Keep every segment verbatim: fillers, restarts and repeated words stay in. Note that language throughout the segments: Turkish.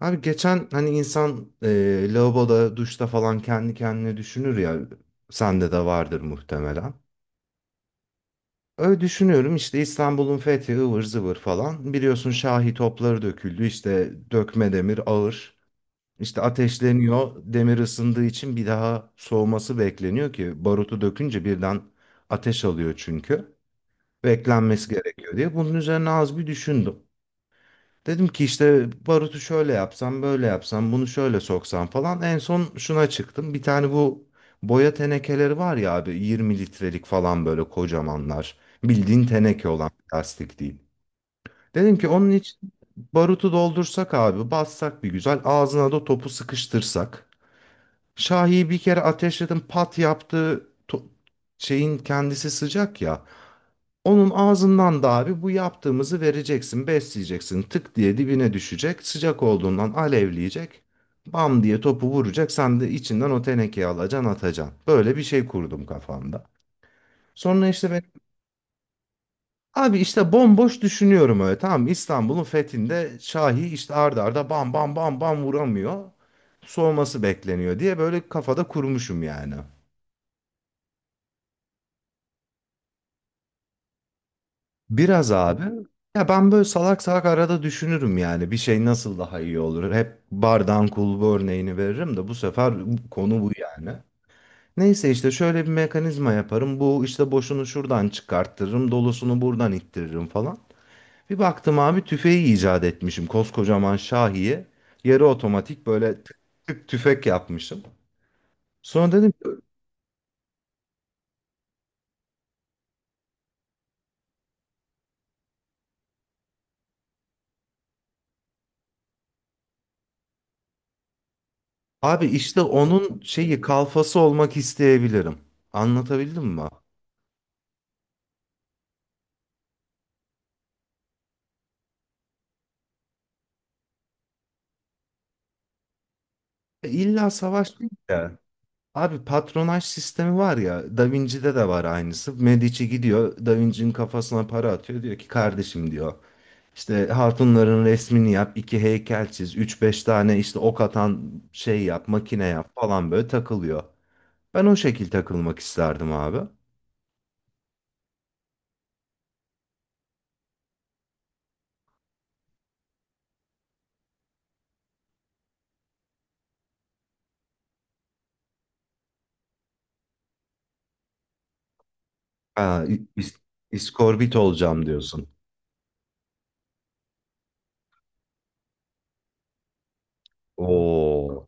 Abi geçen hani insan e, lavaboda, duşta falan kendi kendine düşünür ya. Sende de vardır muhtemelen. Öyle düşünüyorum işte İstanbul'un fethi ıvır zıvır falan. Biliyorsun Şahi topları döküldü işte dökme demir ağır. İşte ateşleniyor demir ısındığı için bir daha soğuması bekleniyor ki barutu dökünce birden ateş alıyor çünkü. Beklenmesi gerekiyor diye. Bunun üzerine az bir düşündüm. Dedim ki işte barutu şöyle yapsam, böyle yapsam, bunu şöyle soksam falan. En son şuna çıktım. Bir tane bu boya tenekeleri var ya abi yirmi litrelik falan böyle kocamanlar. Bildiğin teneke olan plastik değil. Dedim ki onun için barutu doldursak abi, bassak bir güzel, ağzına da topu sıkıştırsak. Şahi'yi bir kere ateşledim pat yaptı. To- şeyin kendisi sıcak ya. Onun ağzından da abi bu yaptığımızı vereceksin, besleyeceksin. Tık diye dibine düşecek. Sıcak olduğundan alevleyecek. Bam diye topu vuracak. Sen de içinden o tenekeyi alacaksın, atacaksın. Böyle bir şey kurdum kafamda. Sonra işte ben abi işte bomboş düşünüyorum öyle, tamam mı? İstanbul'un fethinde Şahi işte arda arda bam bam bam bam vuramıyor. Soğuması bekleniyor diye böyle kafada kurmuşum yani. Biraz abi. Ya ben böyle salak salak arada düşünürüm yani bir şey nasıl daha iyi olur. Hep bardan kulbu örneğini veririm de bu sefer konu bu yani. Neyse işte şöyle bir mekanizma yaparım. Bu işte boşunu şuradan çıkarttırırım, dolusunu buradan ittiririm falan. Bir baktım abi tüfeği icat etmişim. Koskocaman Şahi'ye yarı otomatik böyle tık tık tüfek yapmışım. Sonra dedim ki, abi işte onun şeyi kalfası olmak isteyebilirim. Anlatabildim mi? E, İlla savaş değil de. Abi patronaj sistemi var ya Da Vinci'de de var aynısı. Medici gidiyor Da Vinci'nin kafasına para atıyor. Diyor ki kardeşim diyor, İşte hatunların resmini yap, iki heykel çiz, üç beş tane işte ok atan şey yap, makine yap falan böyle takılıyor. Ben o şekil takılmak isterdim abi. Aa, i- is- iskorbit olacağım diyorsun. Oo,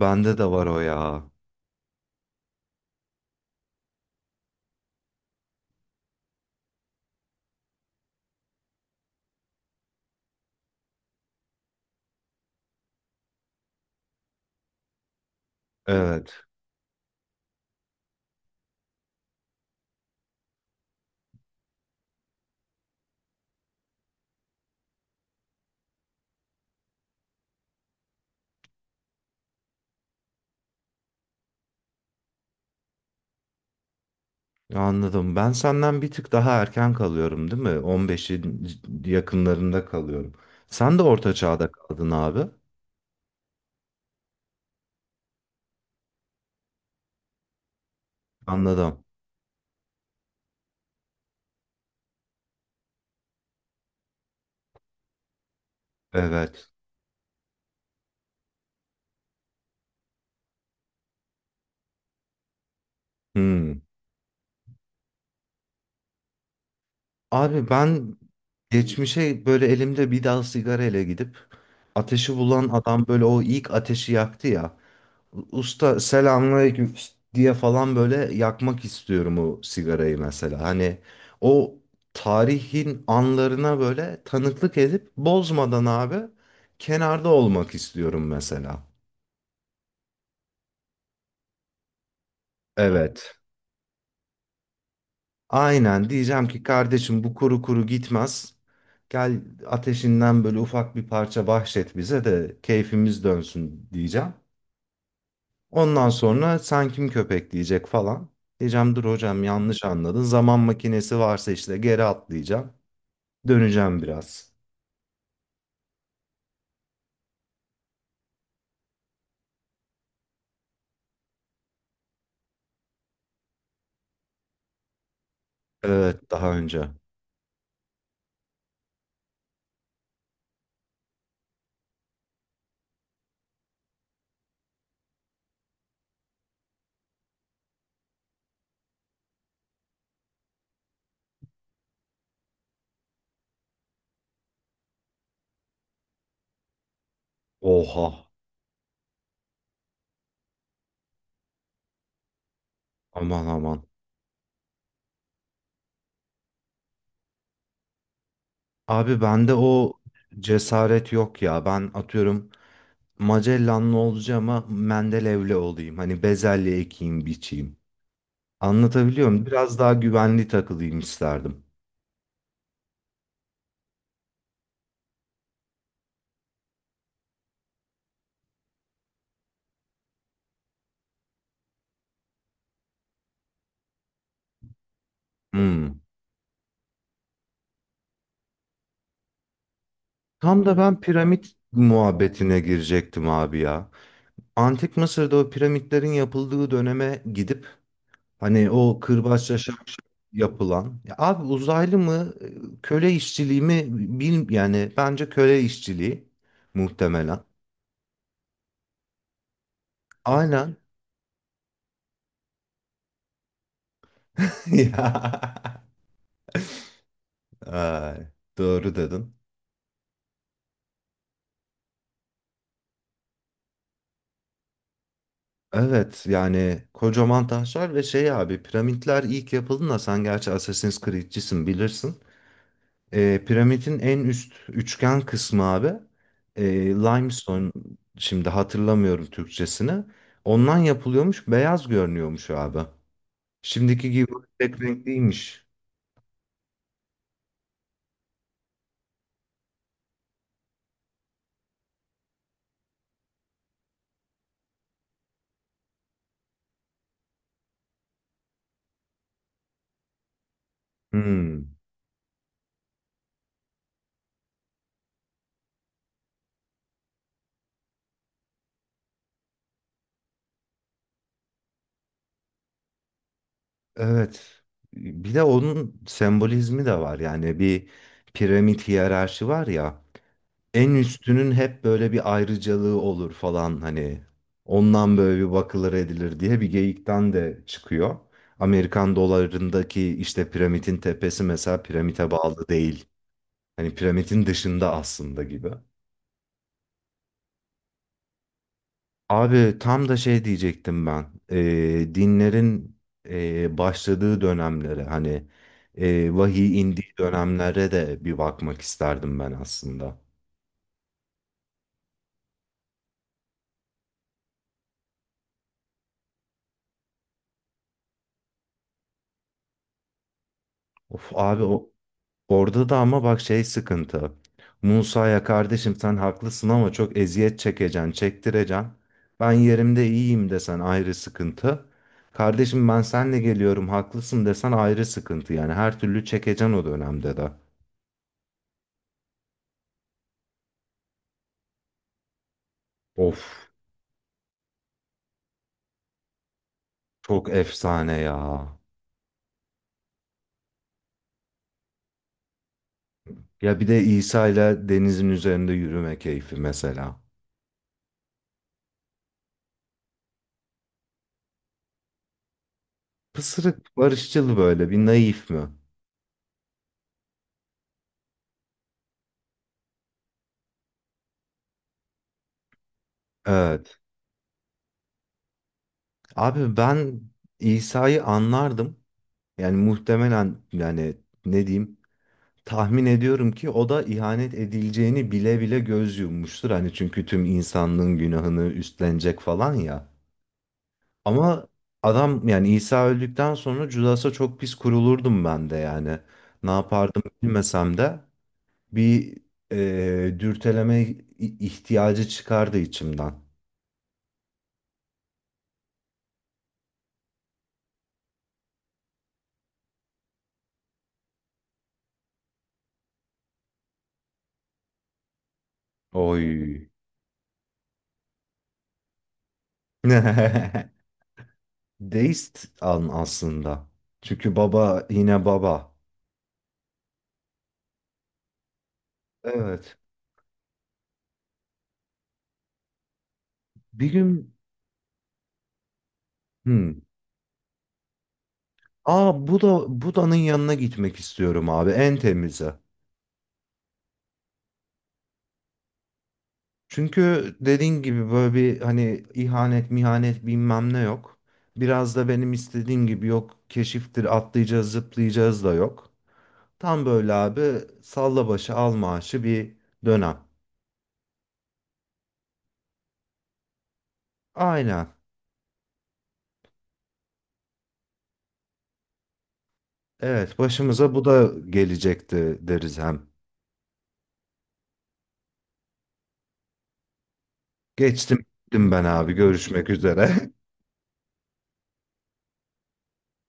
bende de var o ya. Evet. Anladım. Ben senden bir tık daha erken kalıyorum, değil mi? on beşin yakınlarında kalıyorum. Sen de orta çağda kaldın abi. Anladım. Evet. Hmm. Abi ben geçmişe böyle elimde bir dal sigarayla gidip ateşi bulan adam böyle o ilk ateşi yaktı ya. Usta selamünaleyküm diye falan böyle yakmak istiyorum o sigarayı mesela. Hani o tarihin anlarına böyle tanıklık edip bozmadan abi kenarda olmak istiyorum mesela. Evet. Aynen diyeceğim ki kardeşim bu kuru kuru gitmez. Gel ateşinden böyle ufak bir parça bahşet bize de keyfimiz dönsün diyeceğim. Ondan sonra sen kim köpek diyecek falan. Diyeceğim dur hocam yanlış anladın. Zaman makinesi varsa işte geri atlayacağım. Döneceğim biraz. Evet daha önce. Oha, aman aman. Abi bende o cesaret yok ya. Ben atıyorum Magellan'lı olacağım ama Mendelev'le olayım. Hani bezelye ekeyim biçeyim. Anlatabiliyor muyum? Biraz daha güvenli takılayım isterdim. Hmm. Tam da ben piramit muhabbetine girecektim abi ya. Antik Mısır'da o piramitlerin yapıldığı döneme gidip hani o kırbaçlaşarak yapılan ya abi, uzaylı mı e, köle işçiliği mi bil, yani bence köle işçiliği muhtemelen. Aynen. Ya. Ay, doğru dedin. Evet yani kocaman taşlar ve şey abi, piramitler ilk yapıldığında sen gerçi Assassin's Creed'cisin bilirsin. E, piramidin en üst üçgen kısmı abi, e, limestone, şimdi hatırlamıyorum Türkçesini. Ondan yapılıyormuş beyaz görünüyormuş abi. Şimdiki gibi tek renkliymiş. Hmm, evet. Bir de onun sembolizmi de var yani bir piramit hiyerarşi var ya. En üstünün hep böyle bir ayrıcalığı olur falan hani ondan böyle bir bakılır edilir diye bir geyikten de çıkıyor. Amerikan dolarındaki işte piramidin tepesi mesela piramite bağlı değil. Hani piramidin dışında aslında gibi. Abi tam da şey diyecektim ben. Ee, dinlerin e, başladığı dönemlere hani e, vahiy indiği dönemlere de bir bakmak isterdim ben aslında. Of abi o, orada da ama bak şey sıkıntı. Musa'ya kardeşim sen haklısın ama çok eziyet çekeceksin, çektireceksin. Ben yerimde iyiyim desen ayrı sıkıntı. Kardeşim ben senle geliyorum haklısın desen ayrı sıkıntı. Yani her türlü çekeceksin o dönemde de. Of, çok efsane ya. Ya bir de İsa ile denizin üzerinde yürüme keyfi mesela. Pısırık, barışçıl böyle bir naif mi? Evet. Abi ben İsa'yı anlardım. Yani muhtemelen yani, ne diyeyim, tahmin ediyorum ki o da ihanet edileceğini bile bile göz yummuştur. Hani çünkü tüm insanlığın günahını üstlenecek falan ya. Ama adam yani İsa öldükten sonra Judas'a çok pis kurulurdum ben de yani. Ne yapardım bilmesem de bir e, dürteleme i- ihtiyacı çıkardı içimden. Oy. Deist an aslında. Çünkü baba yine baba. Evet. Bir gün, hmm. Aa, Buda, Buda'nın yanına gitmek istiyorum abi en temize. Çünkü dediğin gibi böyle bir hani ihanet mihanet bilmem ne yok. Biraz da benim istediğim gibi yok. Keşiftir atlayacağız zıplayacağız da yok. Tam böyle abi salla başı al maaşı bir dönem. Aynen. Evet başımıza bu da gelecekti deriz hem. Geçtim gittim ben abi, görüşmek üzere.